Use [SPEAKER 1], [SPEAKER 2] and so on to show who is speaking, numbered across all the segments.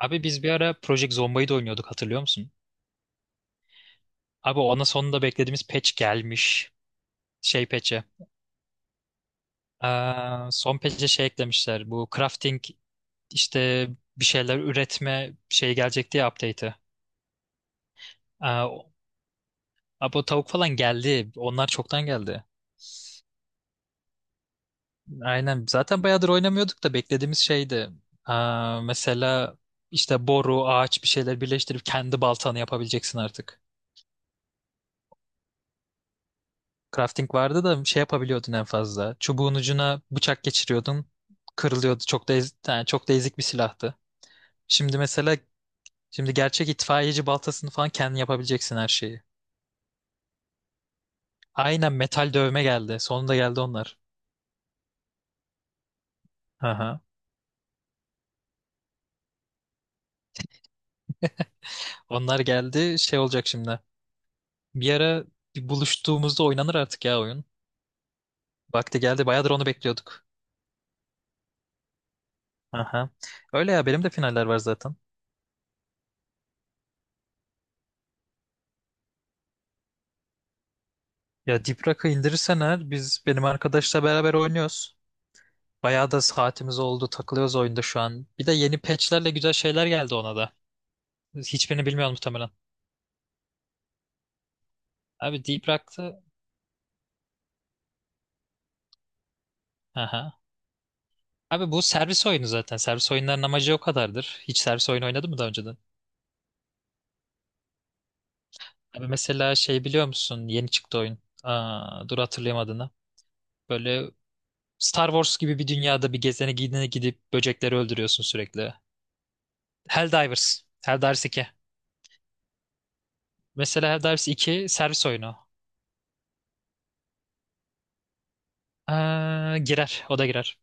[SPEAKER 1] Abi biz bir ara Project Zomba'yı da oynuyorduk, hatırlıyor musun? Abi ona sonunda beklediğimiz patch gelmiş. Şey patch'e. Son patch'e şey eklemişler. Bu crafting işte bir şeyler üretme şey gelecekti ya update'i. Aa, o- Abi o tavuk falan geldi. Onlar çoktan geldi. Aynen. Zaten bayağıdır oynamıyorduk da beklediğimiz şeydi. Mesela işte boru, ağaç bir şeyler birleştirip kendi baltanı yapabileceksin artık. Crafting vardı da şey yapabiliyordun en fazla. Çubuğun ucuna bıçak geçiriyordun. Kırılıyordu. Yani çok da ezik bir silahtı. Şimdi mesela, şimdi gerçek itfaiyeci baltasını falan kendin yapabileceksin, her şeyi. Aynen metal dövme geldi. Sonunda geldi onlar. Aha. Onlar geldi. Şey olacak şimdi. Bir ara, bir buluştuğumuzda oynanır artık ya oyun. Vakti geldi. Bayağıdır onu bekliyorduk. Aha. Öyle ya, benim de finaller var zaten. Ya Deep Rock'ı indirirsen eğer, biz benim arkadaşla beraber oynuyoruz. Bayağı da saatimiz oldu. Takılıyoruz oyunda şu an. Bir de yeni patchlerle güzel şeyler geldi ona da. Hiçbirini bilmiyorum muhtemelen. Abi Deep Rock'tı. Aha. Abi bu servis oyunu zaten. Servis oyunların amacı o kadardır. Hiç servis oyunu oynadın mı daha önceden? Abi mesela şey biliyor musun? Yeni çıktı oyun. Dur hatırlayayım adını. Böyle Star Wars gibi bir dünyada bir gezene gidene gidip böcekleri öldürüyorsun sürekli. Helldivers. Helldivers 2. Mesela Helldivers 2 servis oyunu. Girer. O da girer.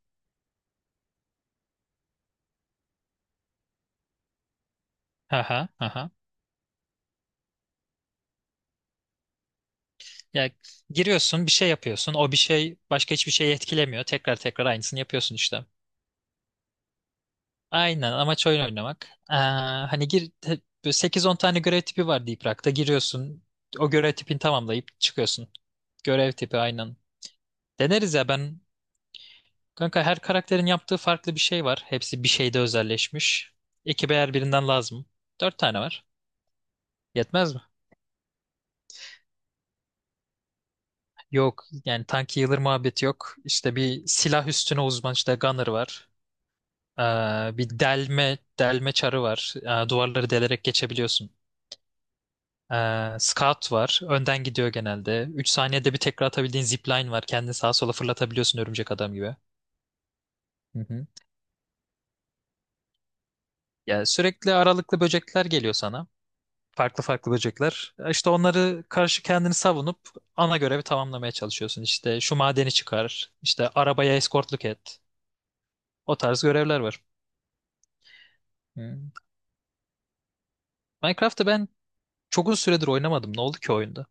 [SPEAKER 1] Aha, aha. Ya giriyorsun, bir şey yapıyorsun. O bir şey başka hiçbir şeyi etkilemiyor. Tekrar tekrar aynısını yapıyorsun işte. Aynen, amaç oyun oynamak. Hani böyle 8-10 tane görev tipi var Deep Rock'ta. Giriyorsun, o görev tipini tamamlayıp çıkıyorsun. Görev tipi aynen. Deneriz ya ben, kanka, her karakterin yaptığı farklı bir şey var. Hepsi bir şeyde özelleşmiş. Ekibe her birinden lazım. 4 tane var. Yetmez mi? Yok yani, tank healer muhabbeti yok. İşte bir silah üstüne uzman, işte gunner var. Ee, Bir delme çarı var. Duvarları delerek geçebiliyorsun. Scout var. Önden gidiyor genelde. 3 saniyede bir tekrar atabildiğin zipline var. Kendini sağa sola fırlatabiliyorsun, örümcek adam gibi. Hı hı. Ya sürekli aralıklı böcekler geliyor sana. Farklı farklı böcekler. İşte onları karşı kendini savunup ana görevi tamamlamaya çalışıyorsun. İşte şu madeni çıkar, işte arabaya eskortluk et. O tarz görevler var. Hı. Minecraft'ı ben çok uzun süredir oynamadım. Ne oldu ki oyunda?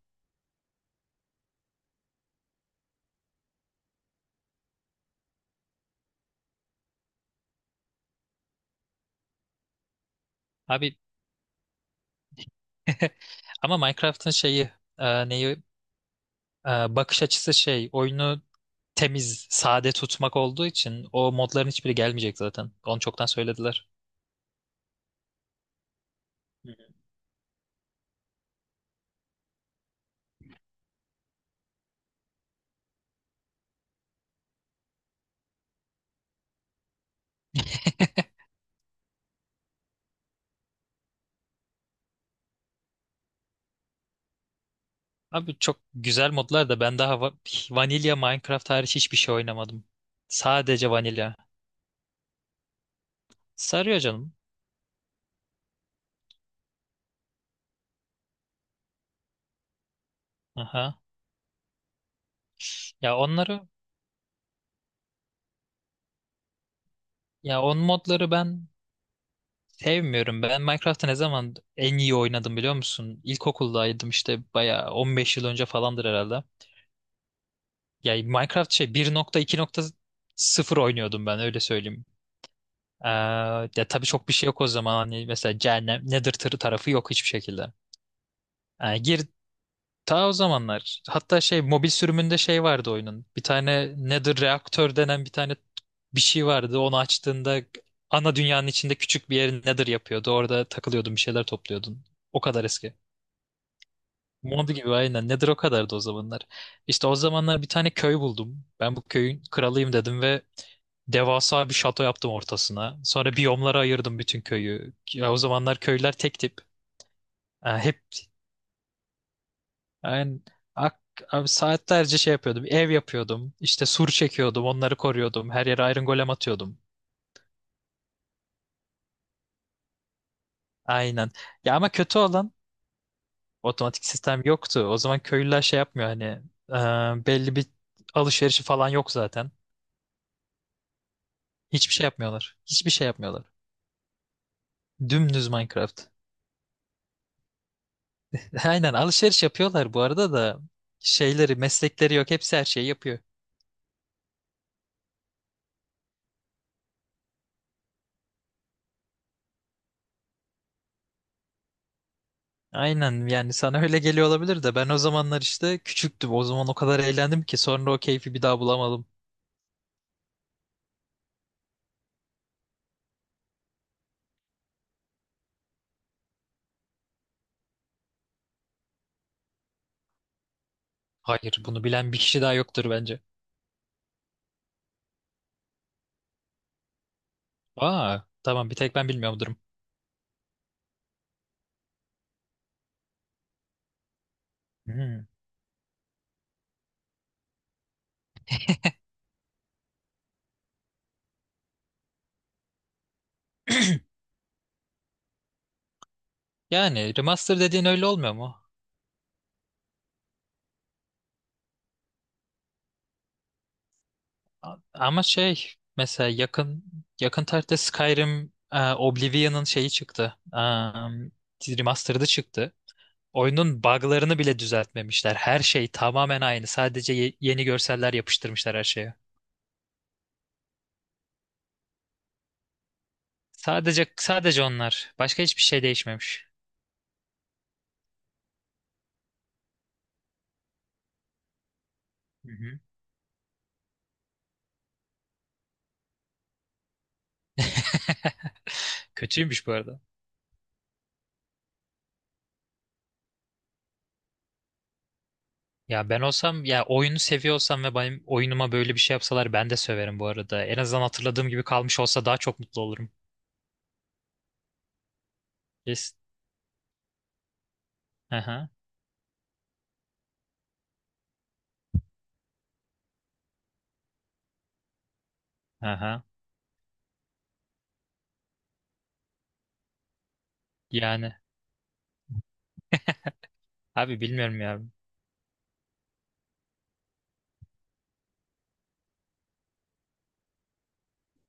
[SPEAKER 1] Abi. Ama Minecraft'ın şeyi, e, neyi e, bakış açısı şey oyunu temiz, sade tutmak olduğu için, o modların hiçbiri gelmeyecek zaten. Onu çoktan söylediler. Hı hı. Abi çok güzel modlar da, ben daha vanilya Minecraft hariç hiçbir şey oynamadım. Sadece vanilya. Sarıyor canım. Aha. Ya onları Ya on modları ben sevmiyorum. Ben Minecraft'ı ne zaman en iyi oynadım biliyor musun? İlkokuldaydım işte, bayağı 15 yıl önce falandır herhalde. Ya Minecraft şey 1.2.0 oynuyordum, ben öyle söyleyeyim. Ee, Ya tabii çok bir şey yok o zaman, hani mesela cehennem Nether tırı tarafı yok hiçbir şekilde. Yani ta o zamanlar. Hatta şey mobil sürümünde şey vardı oyunun. Bir tane Nether reaktör denen bir şey vardı. Onu açtığında ana dünyanın içinde küçük bir yer Nether yapıyordu. Orada takılıyordun, bir şeyler topluyordun. O kadar eski. Mod gibi aynen. Nedir, o kadardı o zamanlar. İşte o zamanlar bir tane köy buldum. Ben bu köyün kralıyım dedim ve devasa bir şato yaptım ortasına. Sonra biyomlara ayırdım bütün köyü. Ya, o zamanlar köyler tek tip. Ha, yani ak, abi saatlerce şey yapıyordum. Ev yapıyordum. İşte sur çekiyordum. Onları koruyordum. Her yere iron golem atıyordum. Aynen. Ya ama kötü olan, otomatik sistem yoktu. O zaman köylüler şey yapmıyor, hani belli bir alışverişi falan yok zaten. Hiçbir şey yapmıyorlar. Hiçbir şey yapmıyorlar. Dümdüz Minecraft. Aynen alışveriş yapıyorlar bu arada da şeyleri, meslekleri yok. Hepsi her şeyi yapıyor. Aynen, yani sana öyle geliyor olabilir de, ben o zamanlar işte küçüktüm. O zaman o kadar eğlendim ki sonra o keyfi bir daha bulamadım. Hayır, bunu bilen bir kişi daha yoktur bence. Tamam, bir tek ben bilmiyorum durum. Hmm. Yani remaster dediğin öyle olmuyor mu? Ama şey mesela yakın tarihte Skyrim, Oblivion'ın şeyi çıktı. Remastered'ı çıktı. Oyunun bug'larını bile düzeltmemişler. Her şey tamamen aynı. Sadece yeni görseller yapıştırmışlar her şeye. Sadece onlar. Başka hiçbir şey değişmemiş. Hı hı. Kötüymüş bu arada. Ya ben olsam, ya oyunu seviyor olsam ve benim oyunuma böyle bir şey yapsalar, ben de söverim bu arada. En azından hatırladığım gibi kalmış olsa daha çok mutlu olurum. Yes. Aha. Aha. Yani abi bilmiyorum ya.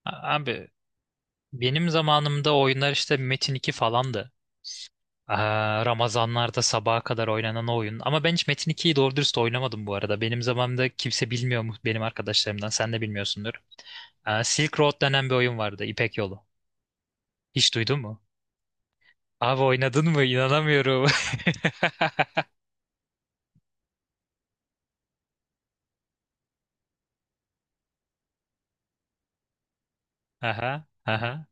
[SPEAKER 1] Abi benim zamanımda oyunlar işte Metin 2 falandı. Ramazanlarda sabaha kadar oynanan oyun. Ama ben hiç Metin 2'yi doğru dürüst oynamadım bu arada. Benim zamanımda kimse bilmiyor mu benim arkadaşlarımdan. Sen de bilmiyorsundur. Silk Road denen bir oyun vardı. İpek Yolu. Hiç duydun mu? Abi oynadın mı? İnanamıyorum. Aha, aha.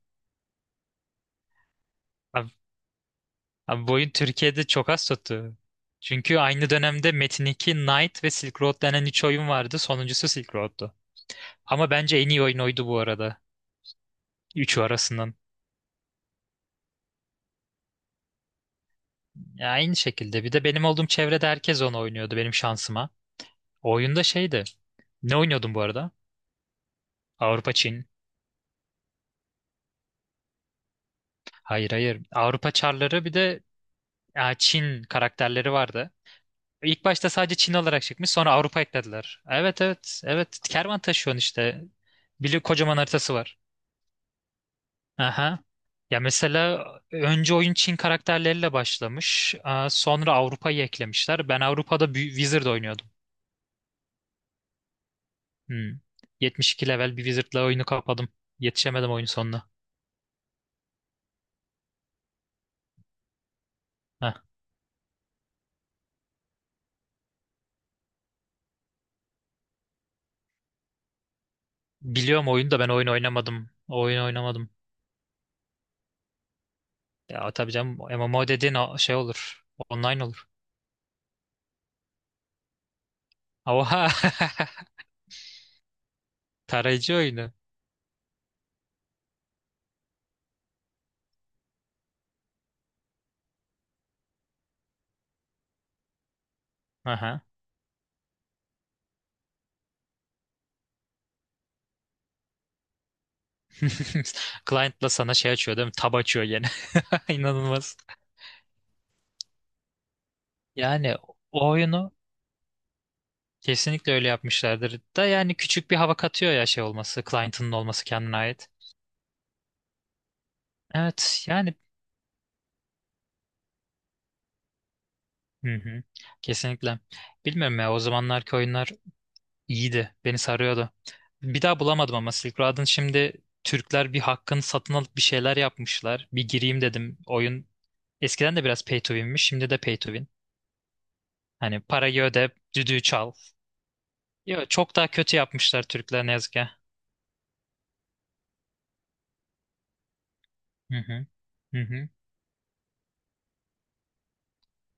[SPEAKER 1] Abi, abi, bu oyun Türkiye'de çok az tuttu. Çünkü aynı dönemde Metin 2, Knight ve Silk Road denen üç oyun vardı. Sonuncusu Silk Road'tu. Ama bence en iyi oyun oydu bu arada. Üçü arasından. Ya aynı şekilde. Bir de benim olduğum çevrede herkes onu oynuyordu benim şansıma. O oyunda şeydi. Ne oynuyordun bu arada? Avrupa Çin. Hayır hayır. Avrupa Çarları, bir de Çin karakterleri vardı. İlk başta sadece Çin olarak çıkmış, sonra Avrupa eklediler. Evet evet evet. Kervan taşıyorsun işte. Bir kocaman haritası var. Aha. Ya mesela önce oyun Çin karakterleriyle başlamış. Sonra Avrupa'yı eklemişler. Ben Avrupa'da bir Wizard oynuyordum. Hmm. 72 level bir wizard'la oyunu kapadım. Yetişemedim oyun sonuna. Heh. Biliyorum oyunu da ben oyun oynamadım. O oyun oynamadım. Ya tabii canım, MMO dediğin şey olur. Online olur. Oha! Tarayıcı oyunu. Aha. Client'la sana şey açıyor değil mi? Tab açıyor gene. İnanılmaz. Yani o oyunu kesinlikle öyle yapmışlardır. Da yani küçük bir hava katıyor ya şey olması. Client'ın olması kendine ait. Evet yani. Hı hı. Kesinlikle. Bilmiyorum ya, o zamanlarki oyunlar İyiydi. Beni sarıyordu. Bir daha bulamadım ama Silk Road'un şimdi Türkler bir hakkını satın alıp bir şeyler yapmışlar. Bir gireyim dedim. Oyun eskiden de biraz pay to win'miş. Şimdi de pay to win. Hani parayı öde, düdüğü çal. Yo, çok daha kötü yapmışlar Türkler ne yazık ki. Hı hı. Hı hı.